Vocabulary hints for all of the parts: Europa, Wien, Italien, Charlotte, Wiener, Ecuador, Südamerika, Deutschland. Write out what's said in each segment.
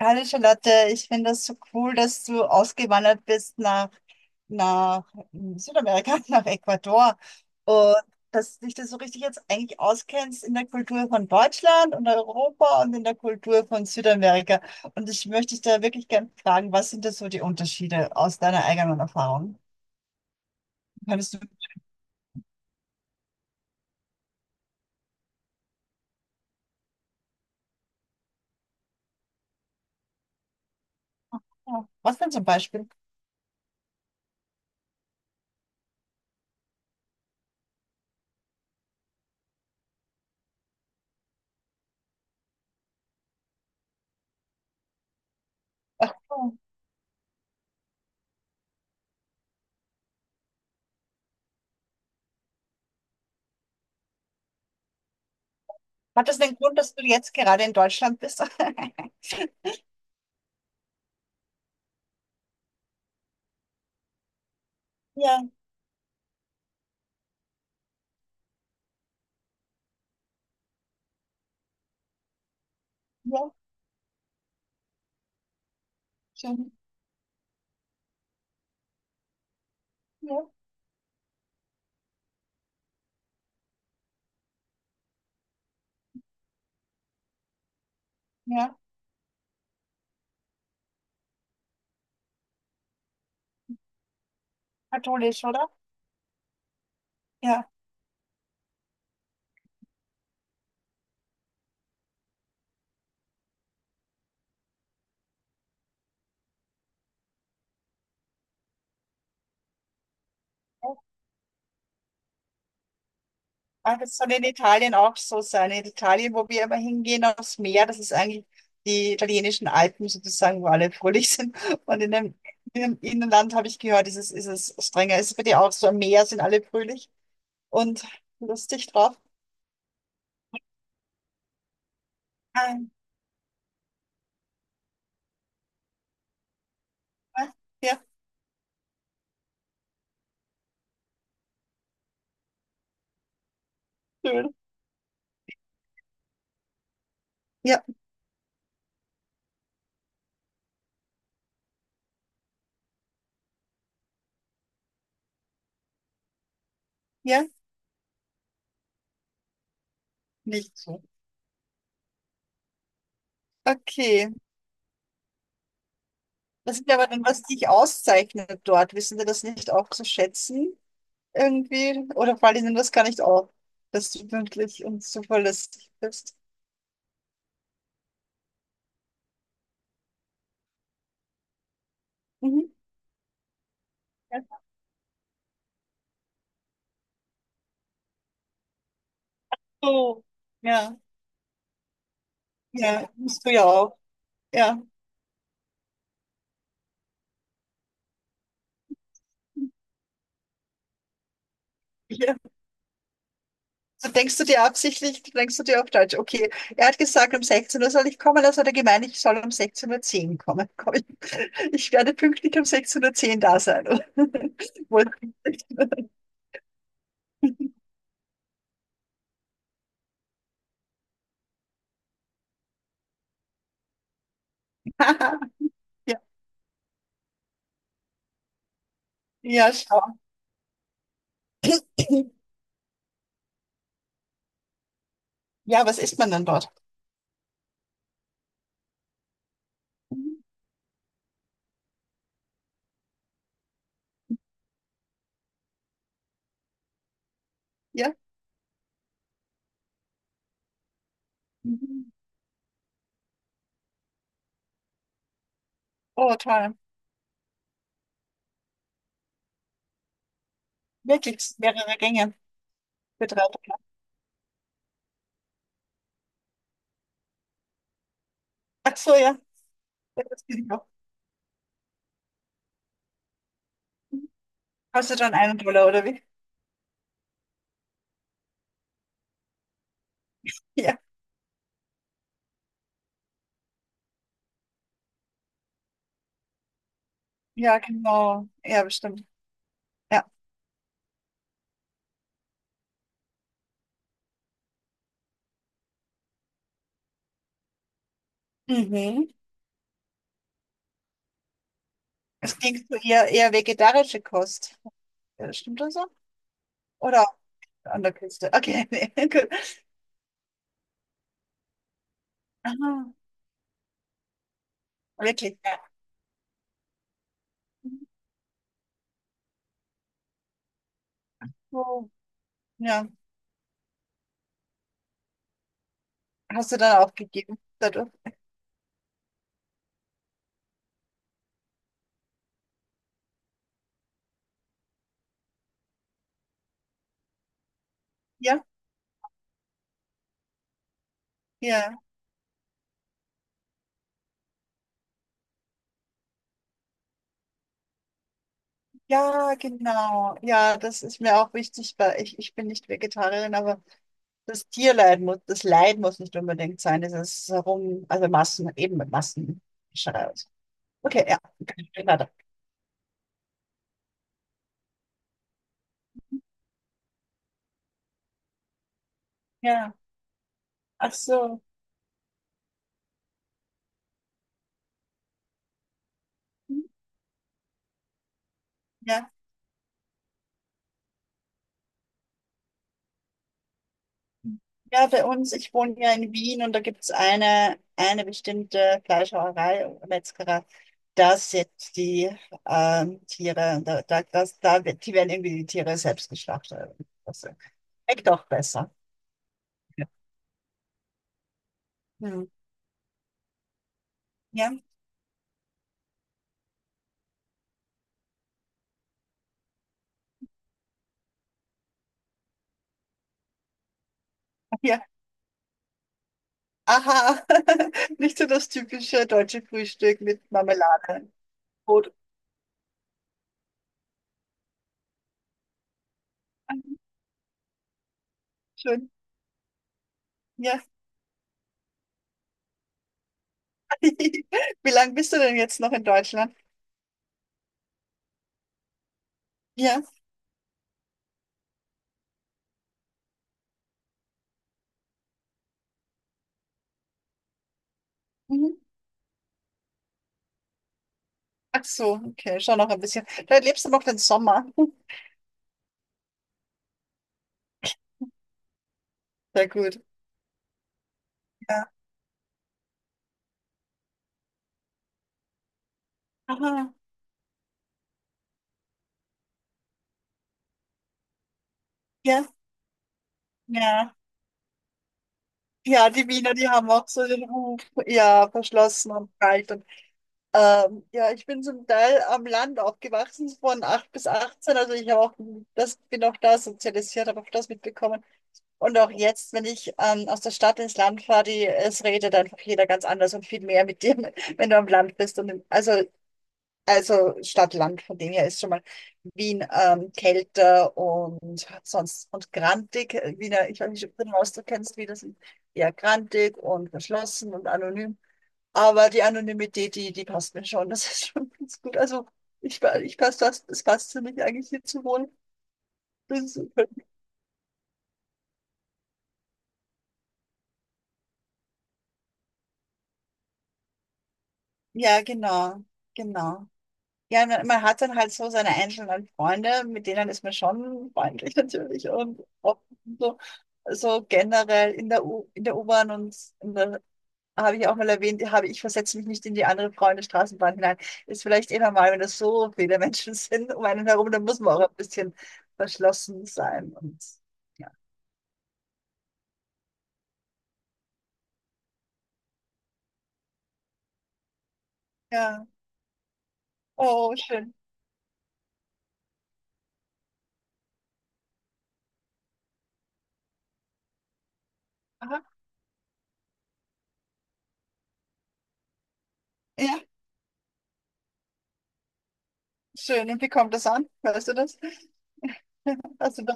Hallo Charlotte, ich finde das so cool, dass du ausgewandert bist nach Südamerika, nach Ecuador und dass dich das so richtig jetzt eigentlich auskennst in der Kultur von Deutschland und Europa und in der Kultur von Südamerika. Und ich möchte dich da wirklich gerne fragen, was sind da so die Unterschiede aus deiner eigenen Erfahrung? Könntest du, ja, was denn zum Beispiel? Oh. Hat das den Grund, dass du jetzt gerade in Deutschland bist? Ja, ja, schön. Ja, ja, katholisch, oder? Ja. Ah, das soll in Italien auch so sein. In Italien, wo wir immer hingehen, aufs Meer, das ist eigentlich die italienischen Alpen sozusagen, wo alle fröhlich sind. Und in dem, im Innenland habe ich gehört, ist es strenger. Ist es bei dir auch so? Am Meer sind alle fröhlich und lustig drauf. Ah, ah, ja, schön. Ja, ja, nicht so. Okay. Das ist ja aber dann, was dich auszeichnet dort. Wissen Sie das nicht auch zu schätzen? Irgendwie? Oder fallen Ihnen das gar nicht auf, dass du pünktlich und zuverlässig bist? Mhm. Ja, so. Ja, ja, musst du ja auch. Ja. ja. So denkst du dir absichtlich, denkst du dir auf Deutsch, okay, er hat gesagt, um 16 Uhr soll ich kommen, also hat er gemeint, ich soll um 16:10 Uhr kommen. Komm, ich werde pünktlich um 16:10 Uhr da sein. Wohl pünktlich. Ja, ja, schau. Ja, was isst man dann dort? Mhm. Ja. Mhm. Oh, toll. Wirklich mehrere Gänge für 3 Dollar. Ach so, ja. Ja, das geht auch. Kostet dann einen Dollar, oder wie? Ja. Ja, genau. Ja, bestimmt. Ja. Mhm. Es ging zu eher, eher vegetarische Kost. Ja, stimmt das so? Oder an der Küste? Okay, nee, gut. Aha, wirklich. Ja. So, ja. Hast du dann aufgegeben dadurch? Ja? Ja. Ja, genau. Ja, das ist mir auch wichtig, weil ich bin nicht Vegetarierin, aber das Tierleid muss, das Leid muss nicht unbedingt sein, dieses Herum, also Massen, eben mit Massen. Okay, ja. Weiter. Ja. Ach so. Ja. Ja, bei uns, ich wohne ja in Wien und da gibt es eine bestimmte Fleischerei oder Metzgerei. Da setzt die Tiere, da, da, das, da, wird- die werden irgendwie die Tiere selbst geschlachtet. Das schmeckt auch besser. Ja. Hm. Ja, ja. Aha, nicht so das typische deutsche Frühstück mit Marmelade. Brot. Schön. Ja. Wie lange bist du denn jetzt noch in Deutschland? Ja. Mhm. Ach so, okay, schon noch ein bisschen. Da lebst du noch den Sommer. Sehr gut. Ja. Aha. Ja. Ja. Ja, die Wiener, die haben auch so den Ruf, ja, verschlossen und kalt. Und, ja, ich bin zum Teil am Land aufgewachsen, von 8 bis 18. Also ich habe auch das, bin auch da sozialisiert, habe auch das mitbekommen. Und auch jetzt, wenn ich aus der Stadt ins Land fahre, die, es redet einfach jeder ganz anders und viel mehr mit dir, wenn du am Land bist. Und also Stadt-Land, von dem her ist schon mal Wien kälter und sonst und grantig. Wiener, ich weiß nicht, ob du den Ausdruck kennst, wie das ist. Eher grantig und verschlossen und anonym. Aber die Anonymität, die passt mir schon. Das ist schon ganz gut. Also ich passt das, es passt für mich eigentlich hier zu wohnen. Das ist super. Ja, genau, genau. Ja, man hat dann halt so seine einzelnen Freunde, mit denen ist man schon freundlich natürlich und auch so, so. Also generell in der U-Bahn und in der, habe ich auch mal erwähnt, habe ich versetze mich nicht in die andere Freunde Straßenbahn hinein. Ist vielleicht eh normal, wenn das so viele Menschen sind um einen herum, dann muss man auch ein bisschen verschlossen sein und ja. Ja, oh, schön. Aha. Ja, schön. Und wie kommt das an? Weißt du das? Hast du da.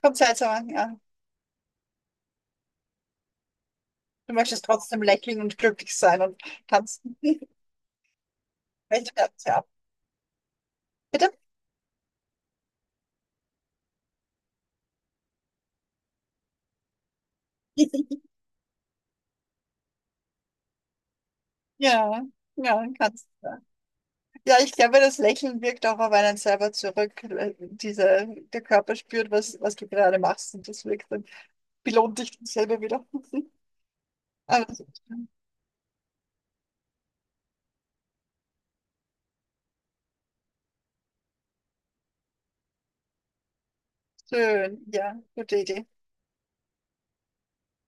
Kommt seltsam an, ja. Du möchtest trotzdem lächeln und glücklich sein und tanzen. Welche Fernseher ab? Bitte? Ja, ja, kannst du. Ja, ich glaube, das Lächeln wirkt auch auf einen selber zurück. Diese, der Körper spürt, was du gerade machst und das wirkt dann, belohnt dich selber wieder. Aber das ist schön, ja, gute Idee.